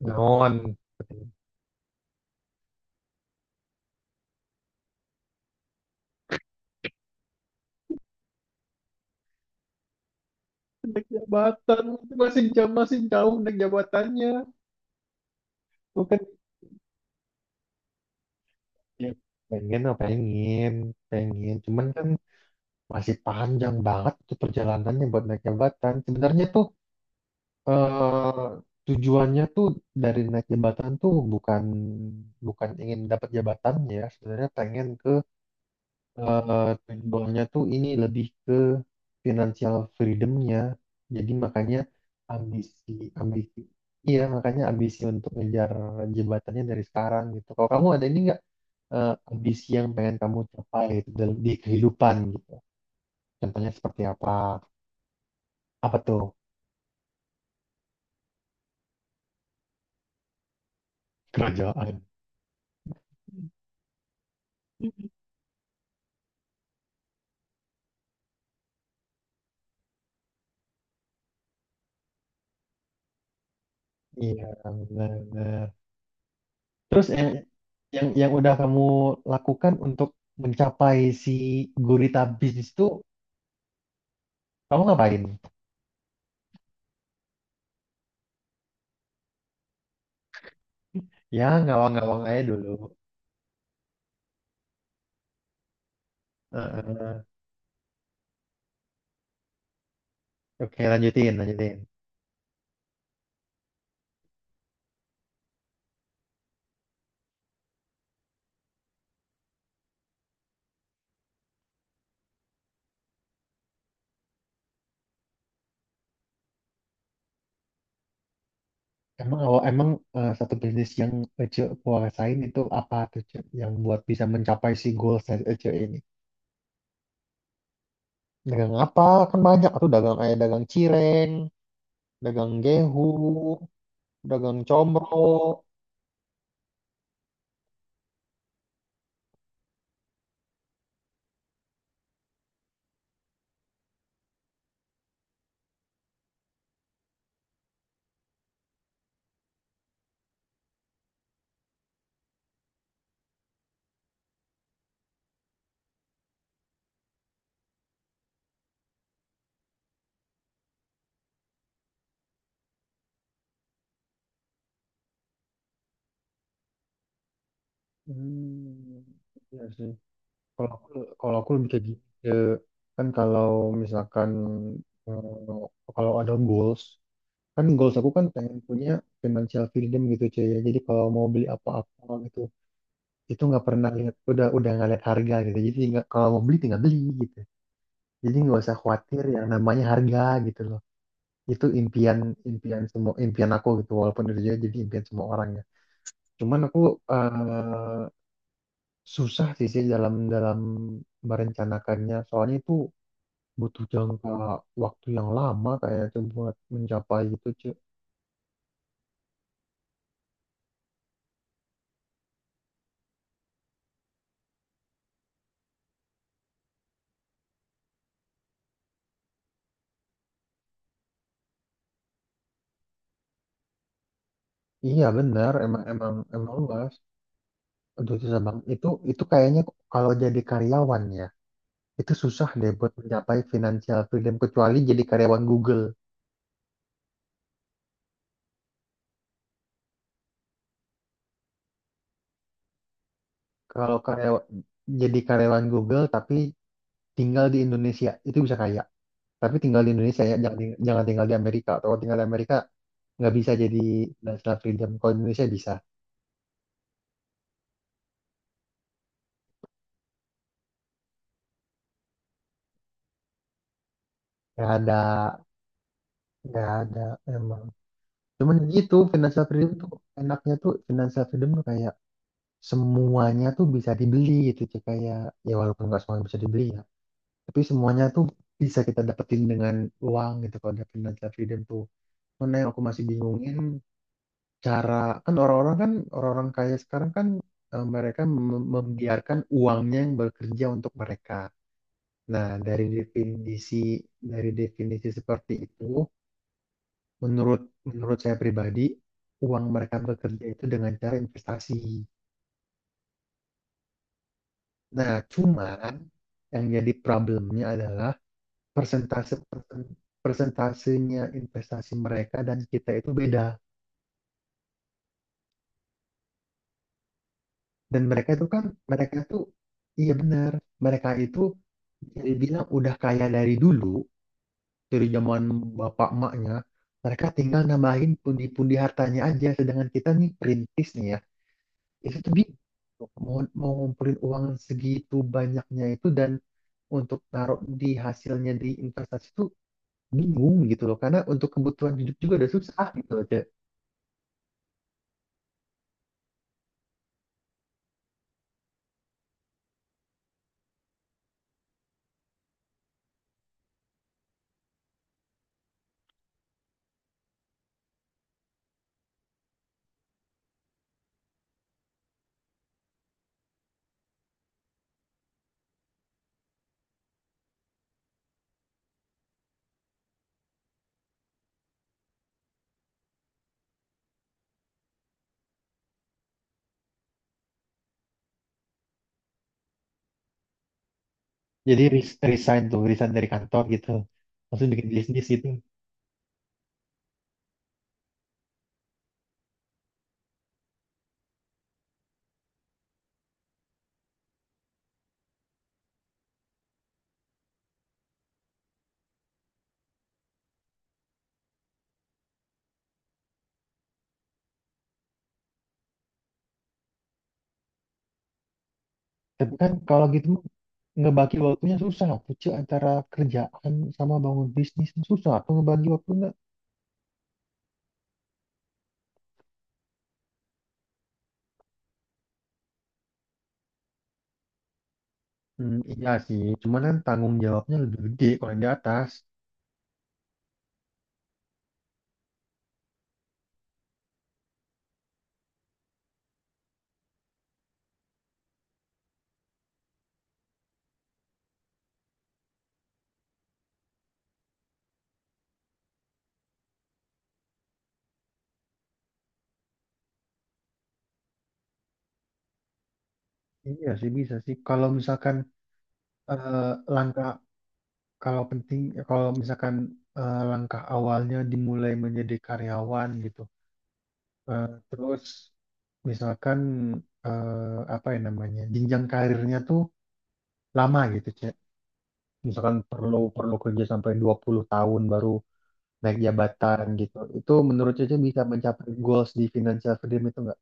Non. Naik jabatan itu masih jauh naik jabatannya bukan ya, Pengen apa pengen. Pengen. Cuman kan masih panjang banget tuh perjalanannya buat naik jabatan. Sebenarnya tuh eh, tujuannya tuh dari naik jabatan tuh bukan bukan ingin dapat jabatannya. Sebenarnya pengen ke tujuannya tuh ini lebih ke financial freedom-nya. Jadi makanya ambisi, ambisi, iya makanya ambisi untuk ngejar jebatannya dari sekarang gitu. Kalau kamu ada ini nggak ambisi yang pengen kamu capai gitu, dalam di kehidupan gitu? Contohnya seperti apa? Apa tuh? Kerajaan. Iya, benar. Terus yang, yang udah kamu lakukan untuk mencapai si gurita bisnis itu, kamu ngapain? Ya, ngawang-ngawang aja dulu. Heeh. Oke, lanjutin, lanjutin. Emang awal emang satu bisnis yang Ece kuasain itu apa tuh Ece yang buat bisa mencapai si goals dari Ece ini? Dagang apa? Kan banyak tuh dagang kayak dagang cireng, dagang gehu, dagang comro. Hmm, iya sih. Kalau aku kalau aku lebih kayak gini. eh, kan kalau misalkan kalau ada goals kan goals aku kan pengen punya financial freedom gitu cuy ya, jadi kalau mau beli apa-apa gitu itu nggak pernah lihat udah nggak lihat harga gitu, jadi tinggal kalau mau beli tinggal beli gitu jadi nggak usah khawatir yang namanya harga gitu loh. Itu impian impian semua impian aku gitu, walaupun itu juga jadi impian semua orang ya, cuman aku eh, susah sih sih dalam dalam merencanakannya, soalnya itu butuh jangka waktu yang lama kayak tuh buat mencapai gitu cuy. Iya benar emang emang emang luas. Aduh, itu susah bang. Itu kayaknya kalau jadi karyawan ya, itu susah deh buat mencapai financial freedom kecuali jadi karyawan Google. Kalau karyawan jadi karyawan Google tapi tinggal di Indonesia, itu bisa kaya. Tapi tinggal di Indonesia ya, jangan tinggal di Amerika. Atau kalau tinggal di Amerika nggak bisa jadi financial freedom. Kalau di Indonesia bisa. Nggak ada, nggak ada emang. Cuman gitu financial freedom tuh enaknya tuh financial freedom tuh kayak semuanya tuh bisa dibeli gitu Ci. Kayak ya walaupun nggak semuanya bisa dibeli ya, tapi semuanya tuh bisa kita dapetin dengan uang gitu kalau ada financial freedom tuh mana yang aku masih bingungin cara. Kan orang-orang kan orang-orang kaya sekarang kan mereka membiarkan uangnya yang bekerja untuk mereka. Nah dari definisi seperti itu, menurut menurut saya pribadi uang mereka bekerja itu dengan cara investasi. Nah, cuman yang jadi problemnya adalah persentase persen- persentasenya investasi mereka dan kita itu beda. Dan mereka itu kan, mereka itu, iya benar, mereka itu bisa dibilang udah kaya dari dulu, dari zaman bapak emaknya, mereka tinggal nambahin pundi-pundi hartanya aja, sedangkan kita nih perintis nih ya, itu tuh bingung. Mau, mau ngumpulin uang segitu banyaknya itu dan untuk naruh di hasilnya di investasi itu bingung gitu loh, karena untuk kebutuhan hidup juga udah susah gitu loh Cek. Jadi resign tuh resign dari kantor gitu langsung bikin bisnis gitu. Tapi kan kalau gitu mah ngebagi waktunya susah Cek, antara kerjaan sama bangun bisnis tuh susah atau ngebagi waktunya. Hmm, iya sih, cuman kan tanggung jawabnya lebih gede kalau yang di atas. Iya sih bisa sih kalau misalkan eh, langkah kalau penting kalau misalkan langkah awalnya dimulai menjadi karyawan gitu. Eh, terus misalkan apa ya namanya jenjang karirnya tuh lama gitu cek, misalkan perlu perlu kerja sampai 20 tahun baru naik jabatan gitu, itu menurut Cece bisa mencapai goals di financial freedom itu nggak?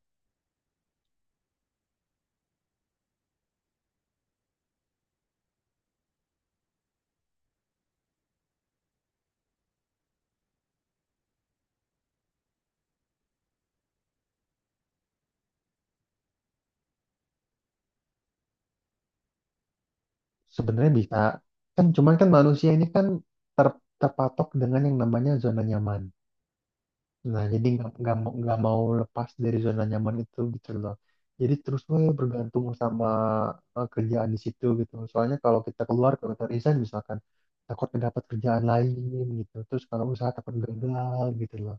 Sebenarnya bisa kan, cuman kan manusia ini kan terpatok dengan yang namanya zona nyaman. Nah, jadi nggak mau lepas dari zona nyaman itu gitu loh. Jadi terus gue bergantung sama kerjaan di situ gitu. Soalnya kalau kita keluar kalau kita resign misalkan takut dapat kerjaan lain gitu. Terus kalau usaha takut gagal gitu loh.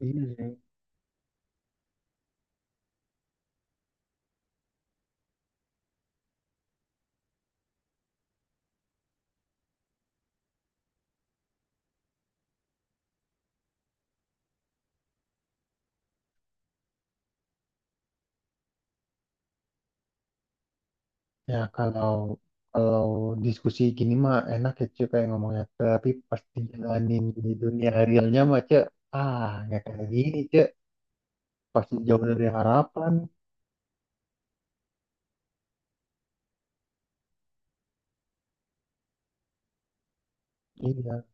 Iya sih. Ya kalau kalau diskusi gini mah enak ya cuy kayak ngomongnya. Tapi pasti jalanin di dunia realnya mah cuy. Ah, nggak kayak gini cuy. Pasti jauh dari harapan. Iya.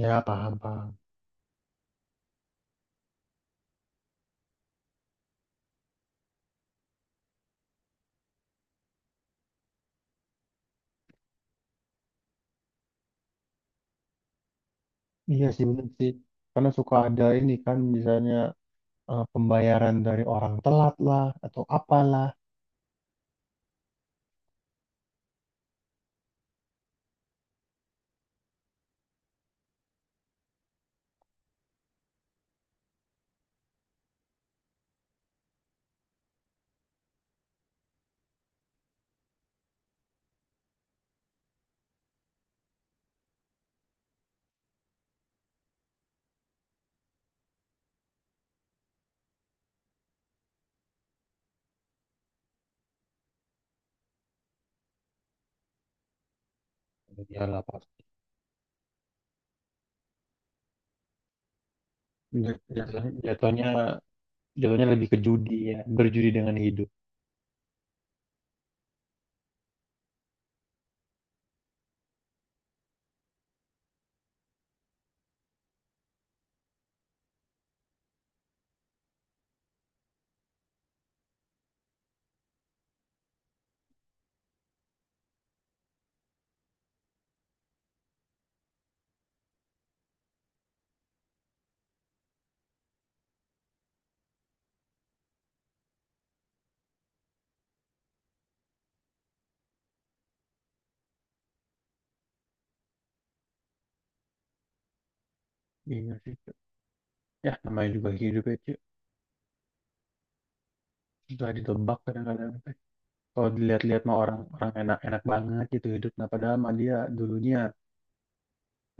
Ya paham paham. Iya sih bener sih. Karena suka ada ini kan misalnya pembayaran dari orang telat lah atau apalah. Iyalah pasti. Jatuhnya, jatuhnya lebih ke judi ya, berjudi dengan hidup. Iya sih. Cuk. Ya namanya juga hidup ya, Cuk. Susah ditebak kadang-kadang. Teh. Kalau dilihat-lihat mah orang orang enak-enak banget gitu hidup. Nah padahal mah dia dulunya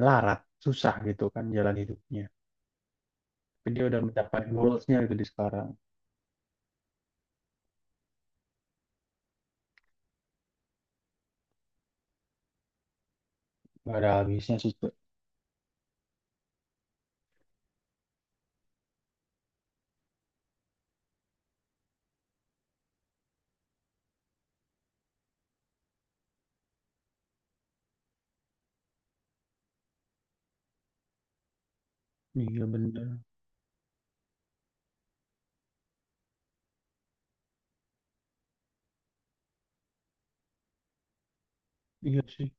larat, susah gitu kan jalan hidupnya. Tapi dia udah mencapai goalsnya gitu di sekarang. Gak ada habisnya sih, Cuk. Iya bener. Iya sih.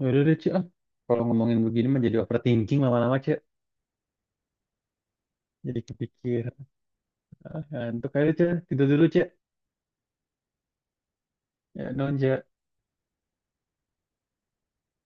Ya udah deh, Ci. Ah. Kalau ngomongin begini mah jadi overthinking lama-lama, Ci. Jadi kepikir. Ah, ngantuk aja, Ci. Tidur dulu, Ci. Ya, non, Ci. Ya.